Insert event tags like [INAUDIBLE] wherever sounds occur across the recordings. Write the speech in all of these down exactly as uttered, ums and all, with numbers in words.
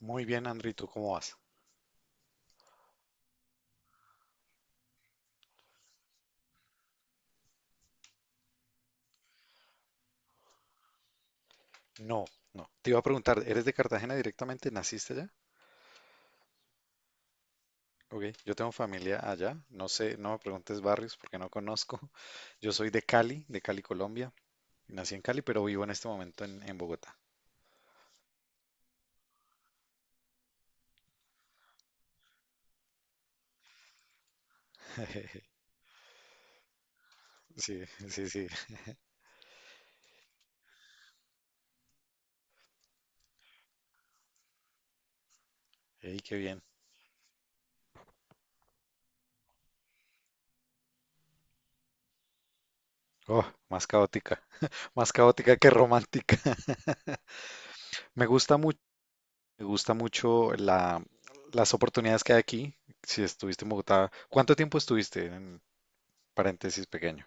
Muy bien, Andri, ¿tú cómo vas? No, no. Te iba a preguntar, ¿eres de Cartagena directamente? ¿Naciste allá? Ok, yo tengo familia allá. No sé, no me preguntes barrios porque no conozco. [LAUGHS] Yo soy de Cali, de Cali, Colombia. Nací en Cali, pero vivo en este momento en, en, Bogotá. [LAUGHS] Sí, sí, sí. Ey, qué bien. Oh, más caótica. [LAUGHS] Más caótica que romántica. [LAUGHS] Me gusta mucho, me gusta mucho la, las oportunidades que hay aquí. Si estuviste en Bogotá, ¿cuánto tiempo estuviste? En paréntesis pequeño.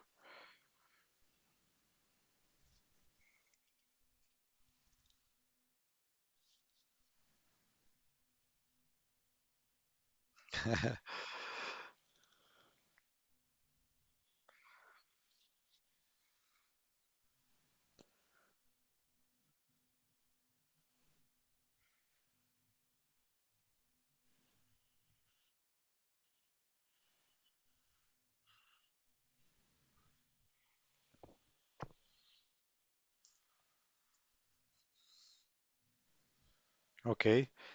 Ok,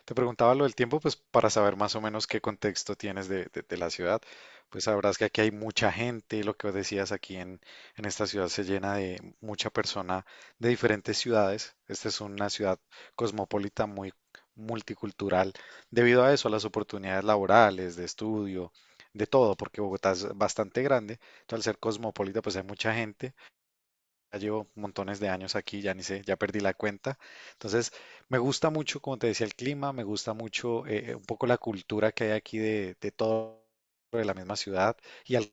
te preguntaba lo del tiempo, pues para saber más o menos qué contexto tienes de, de- de la ciudad, pues sabrás que aquí hay mucha gente, lo que vos decías aquí en, en esta ciudad se llena de mucha persona de diferentes ciudades. Esta es una ciudad cosmopolita, muy multicultural, debido a eso, a las oportunidades laborales, de estudio, de todo, porque Bogotá es bastante grande. Entonces, al ser cosmopolita, pues hay mucha gente. Ya llevo montones de años aquí, ya ni sé, ya perdí la cuenta. Entonces, me gusta mucho, como te decía, el clima. Me gusta mucho eh, un poco la cultura que hay aquí de, de todo, de la misma ciudad y al-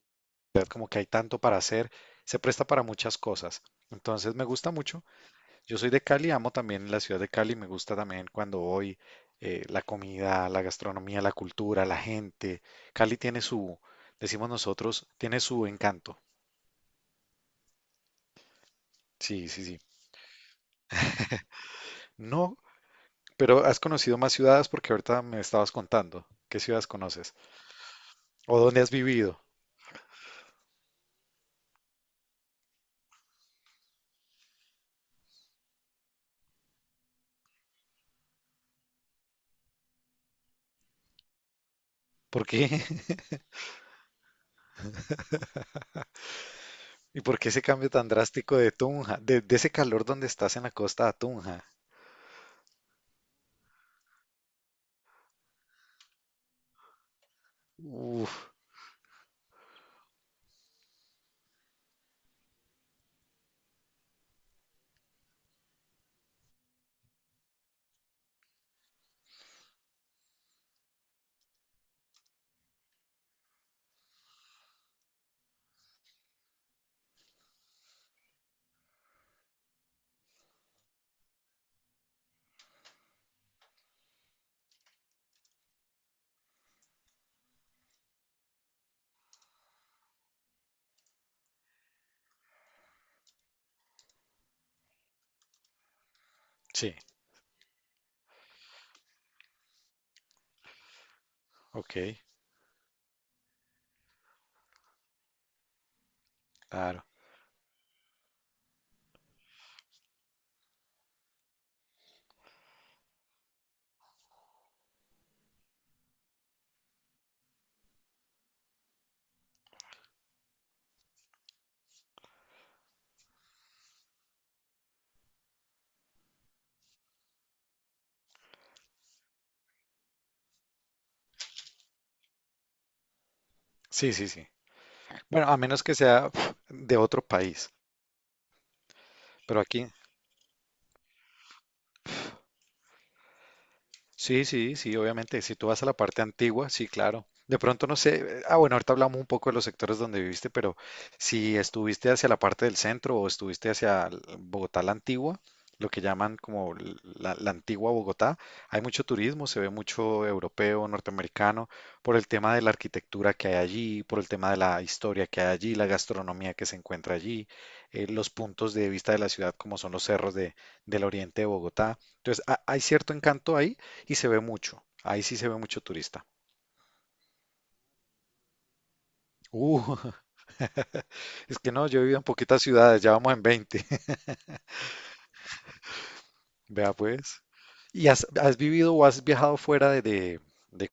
como que hay tanto para hacer, se presta para muchas cosas. Entonces, me gusta mucho. Yo soy de Cali, amo también la ciudad de Cali, me gusta también cuando voy, eh, la comida, la gastronomía, la cultura, la gente. Cali tiene su, decimos nosotros, tiene su encanto. Sí, sí, sí. No. Pero has conocido más ciudades, porque ahorita me estabas contando qué ciudades conoces o dónde has vivido. ¿Por qué? [LAUGHS] ¿Y por qué ese cambio tan drástico de Tunja? De, de ese calor donde estás en la costa a Tunja. Uf, sí, ok, claro. Sí, sí, sí. Bueno, a menos que sea, uf, de otro país. Pero aquí, sí, sí, sí, obviamente. Si tú vas a la parte antigua, sí, claro. De pronto no sé, eh, ah, bueno, ahorita hablamos un poco de los sectores donde viviste, pero si estuviste hacia la parte del centro o estuviste hacia l- Bogotá la antigua, lo que llaman como l- la, la antigua Bogotá, hay mucho turismo, se ve mucho europeo, norteamericano, por el tema de la arquitectura que hay allí, por el tema de la historia que hay allí, la gastronomía que se encuentra allí, eh, los puntos de vista de la ciudad, como son los cerros de, del oriente de Bogotá. Entonces, ha- hay cierto encanto ahí y se ve mucho. Ahí sí se ve mucho turista. Uh, [LAUGHS] es que no, yo he vivido en poquitas ciudades, ya vamos en veinte. [LAUGHS] Vea pues. ¿Y has, has vivido o has viajado fuera de, de, de-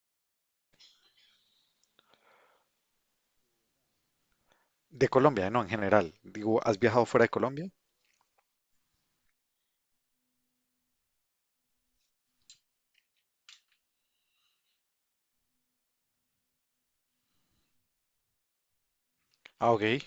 de Colombia? No, en general. Digo, ¿has viajado fuera de Colombia? Ah, ok.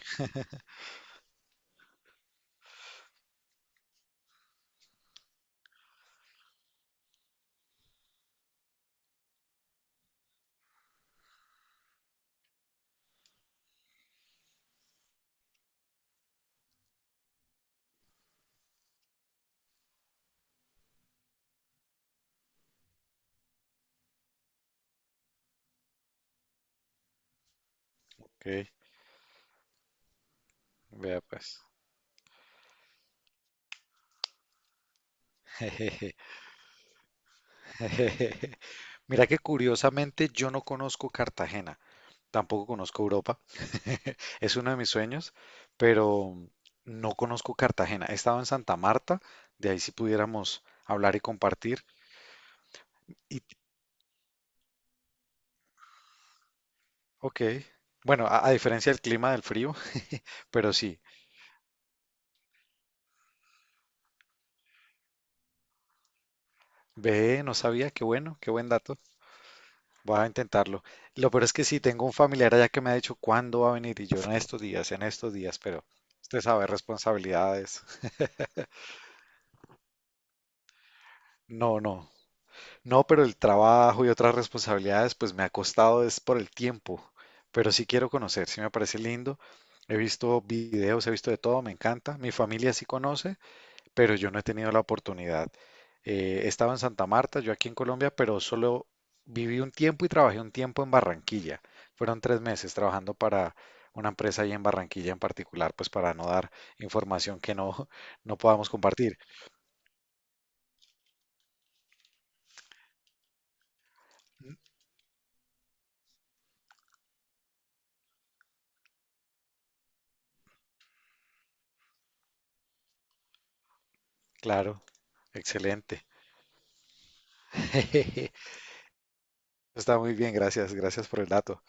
Ok, vea pues. [LAUGHS] Mira que curiosamente yo no conozco Cartagena. Tampoco conozco Europa. [LAUGHS] Es uno de mis sueños, pero no conozco Cartagena. He estado en Santa Marta, de ahí si pudiéramos hablar y compartir. Y ok, bueno, a, a diferencia del clima del frío, [LAUGHS] pero sí, ve, no sabía, qué bueno, qué buen dato. Voy a intentarlo. Lo peor es que sí, tengo un familiar allá que me ha dicho cuándo va a venir, y yo, en estos días, en estos días, pero usted sabe, responsabilidades. [LAUGHS] No, no. No, pero el trabajo y otras responsabilidades, pues me ha costado es por el tiempo. Pero sí quiero conocer, sí me parece lindo. He visto videos, he visto de todo, me encanta. Mi familia sí conoce, pero yo no he tenido la oportunidad. Eh, estaba en Santa Marta, yo aquí en Colombia, pero solo viví un tiempo y trabajé un tiempo en Barranquilla. Fueron tres meses trabajando para una empresa ahí en Barranquilla en particular, pues para no dar información que no, [LAUGHS] no podamos compartir. Claro, excelente. [LAUGHS] Está muy bien, gracias, gracias por el dato.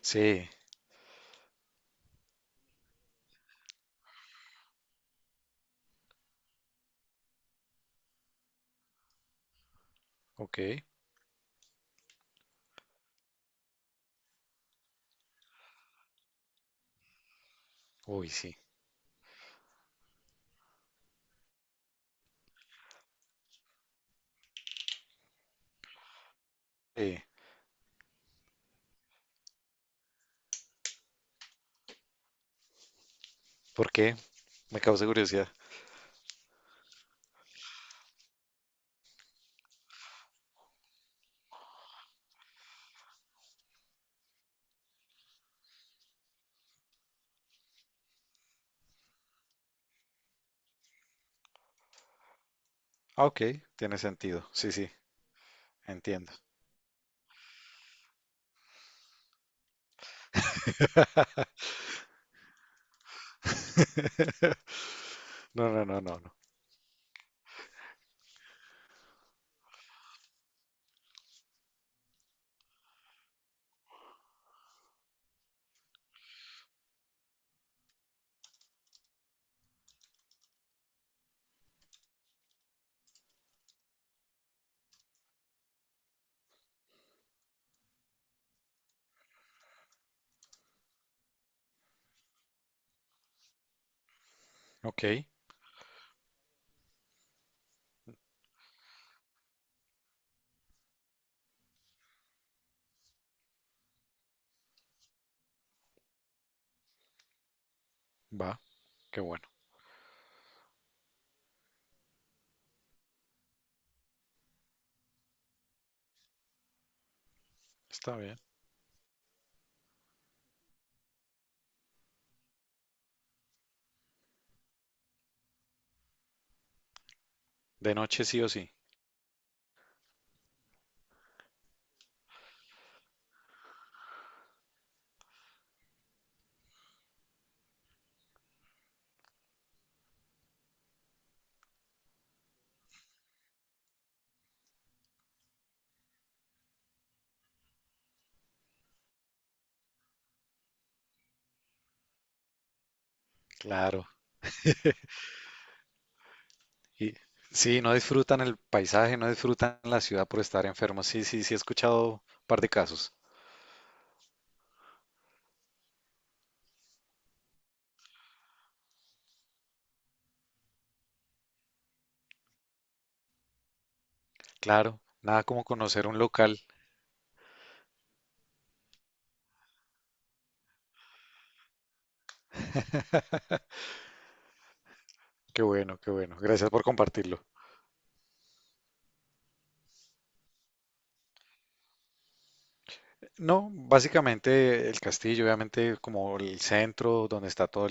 Sí, ok. Uy, sí. Sí. ¿Por qué? Me causa curiosidad. Ah, ok, tiene sentido. Sí, sí, entiendo. No, no, no, no, no. Ok, va, qué bueno. Está bien. De noche sí o sí. Claro. Y sí, no disfrutan el paisaje, no disfrutan la ciudad por estar enfermos. Sí, sí, sí, he escuchado un par de casos. Claro, nada como conocer un local. Qué bueno, qué bueno. Gracias por compartirlo. No, básicamente el castillo, obviamente como el centro donde está toda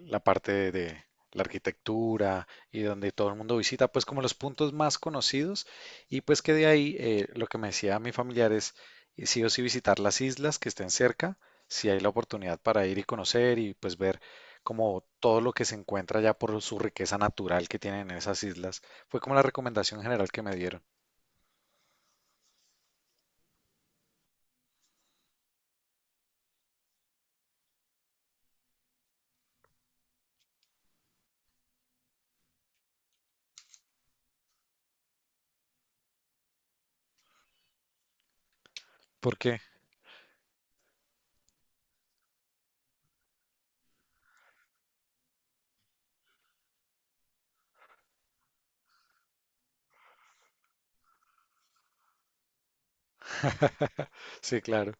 la parte de la arquitectura y donde todo el mundo visita, pues como los puntos más conocidos, y pues que de ahí, eh, lo que me decía mi familiar es, eh, sí o sí visitar las islas que estén cerca, si hay la oportunidad para ir y conocer, y pues ver como todo lo que se encuentra ya, por su riqueza natural que tienen en esas islas. Fue como la recomendación general que me dieron. ¿Por qué? Sí, claro.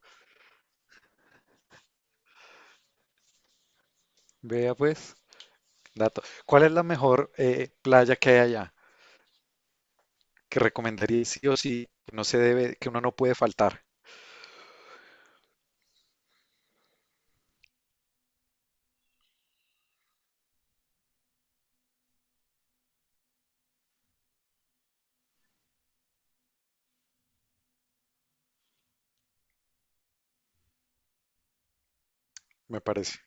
Vea pues. Dato. ¿Cuál es la mejor eh, playa que hay allá? Que recomendaría sí o sí, que no se debe, que uno no puede faltar, me parece.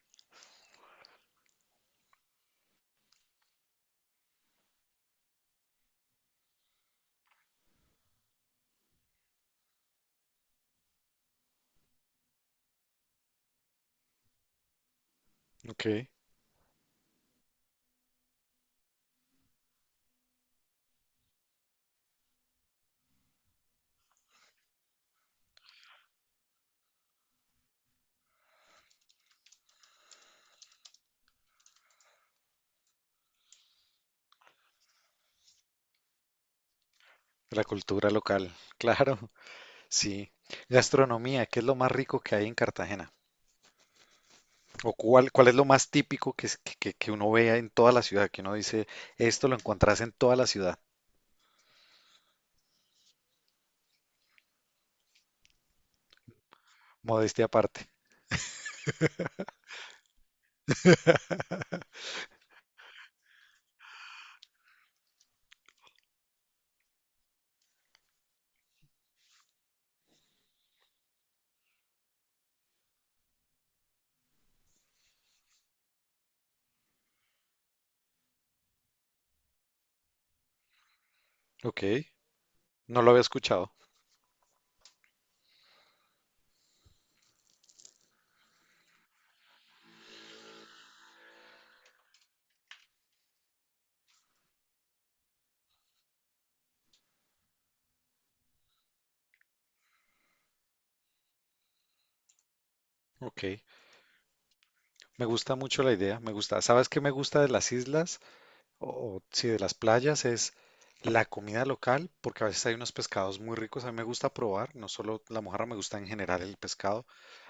Ok. La cultura local, [LAUGHS] claro, sí. Gastronomía, ¿qué es lo más rico que hay en Cartagena? ¿O cuál, cuál es lo más típico que, es- que, que- que uno vea en toda la ciudad? Que uno dice, esto lo encontrás en toda la ciudad. Modestia aparte. Ok, no lo había escuchado. Ok, me gusta mucho la idea, me gusta. ¿Sabes qué me gusta de las islas? O, si de las playas, es la comida local, porque a veces hay unos pescados muy ricos. A mí me gusta probar, no solo la mojarra, me gusta en general el pescado.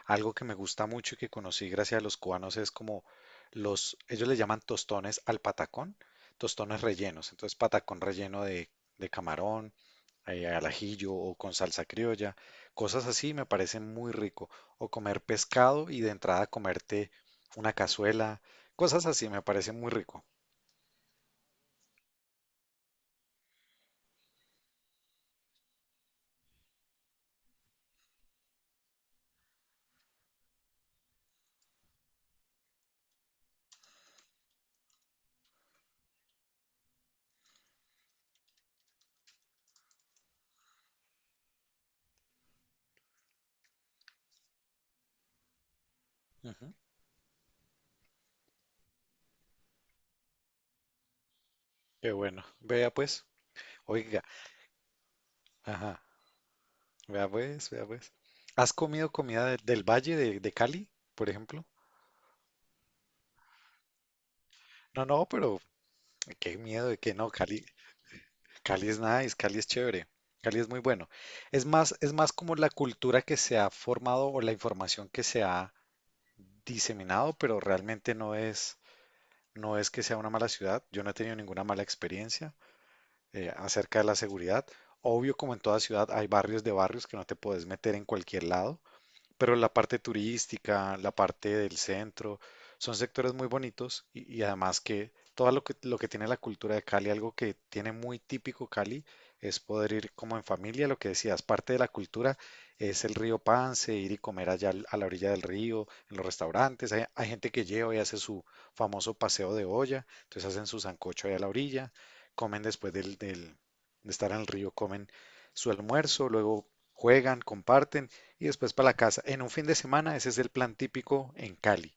Algo que me gusta mucho y que conocí gracias a los cubanos es como los, ellos le llaman tostones al patacón, tostones rellenos. Entonces, patacón relleno de, de camarón, eh, al ajillo o con salsa criolla, cosas así me parecen muy rico. O comer pescado y de entrada comerte una cazuela, cosas así me parecen muy rico. Ujú. Qué bueno. Vea pues, oiga, ajá, vea pues, vea pues. ¿Has comido comida de- del Valle de, de Cali, por ejemplo? No, no, pero qué miedo de que no. Cali, Cali es nice, Cali es chévere, Cali es muy bueno. Es más, es más como la cultura que se ha formado o la información que se ha diseminado, pero realmente no es, no es que sea una mala ciudad. Yo no he tenido ninguna mala experiencia eh, acerca de la seguridad. Obvio, como en toda ciudad, hay barrios de barrios que no te puedes meter en cualquier lado. Pero la parte turística, la parte del centro, son sectores muy bonitos, y, y, además, que todo lo que, lo que tiene la cultura de Cali, algo que tiene muy típico Cali, es poder ir como en familia, lo que decías, parte de la cultura es el río Pance, ir y comer allá al- a la orilla del río. En los restaurantes, hay, hay gente que lleva y hace su famoso paseo de olla, entonces hacen su sancocho allá a la orilla, comen después del, del- de estar en el río, comen su almuerzo, luego juegan, comparten y después para la casa. En un fin de semana, ese es el plan típico en Cali.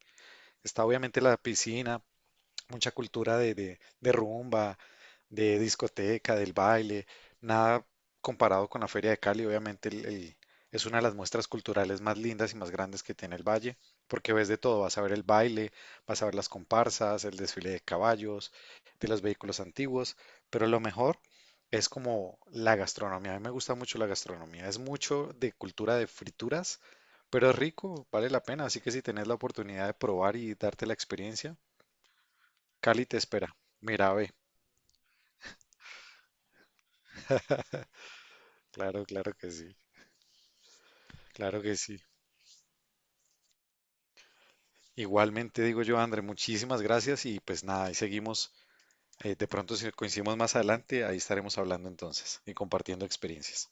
Está obviamente la piscina, mucha cultura de, de, de rumba, de discoteca, del baile, nada comparado con la Feria de Cali, obviamente el- el- es una de las muestras culturales más lindas y más grandes que tiene el Valle, porque ves de todo, vas a ver el baile, vas a ver las comparsas, el desfile de caballos, de los vehículos antiguos, pero lo mejor es como la gastronomía, a mí me gusta mucho la gastronomía, es mucho de cultura de frituras, pero es rico, vale la pena, así que si tenés la oportunidad de probar y darte la experiencia, Cali te espera. Mira, ve. Claro, claro que sí. Claro que sí. Igualmente digo yo, André, muchísimas gracias y pues nada, ahí seguimos. Eh, de pronto si coincidimos más adelante, ahí estaremos hablando entonces y compartiendo experiencias.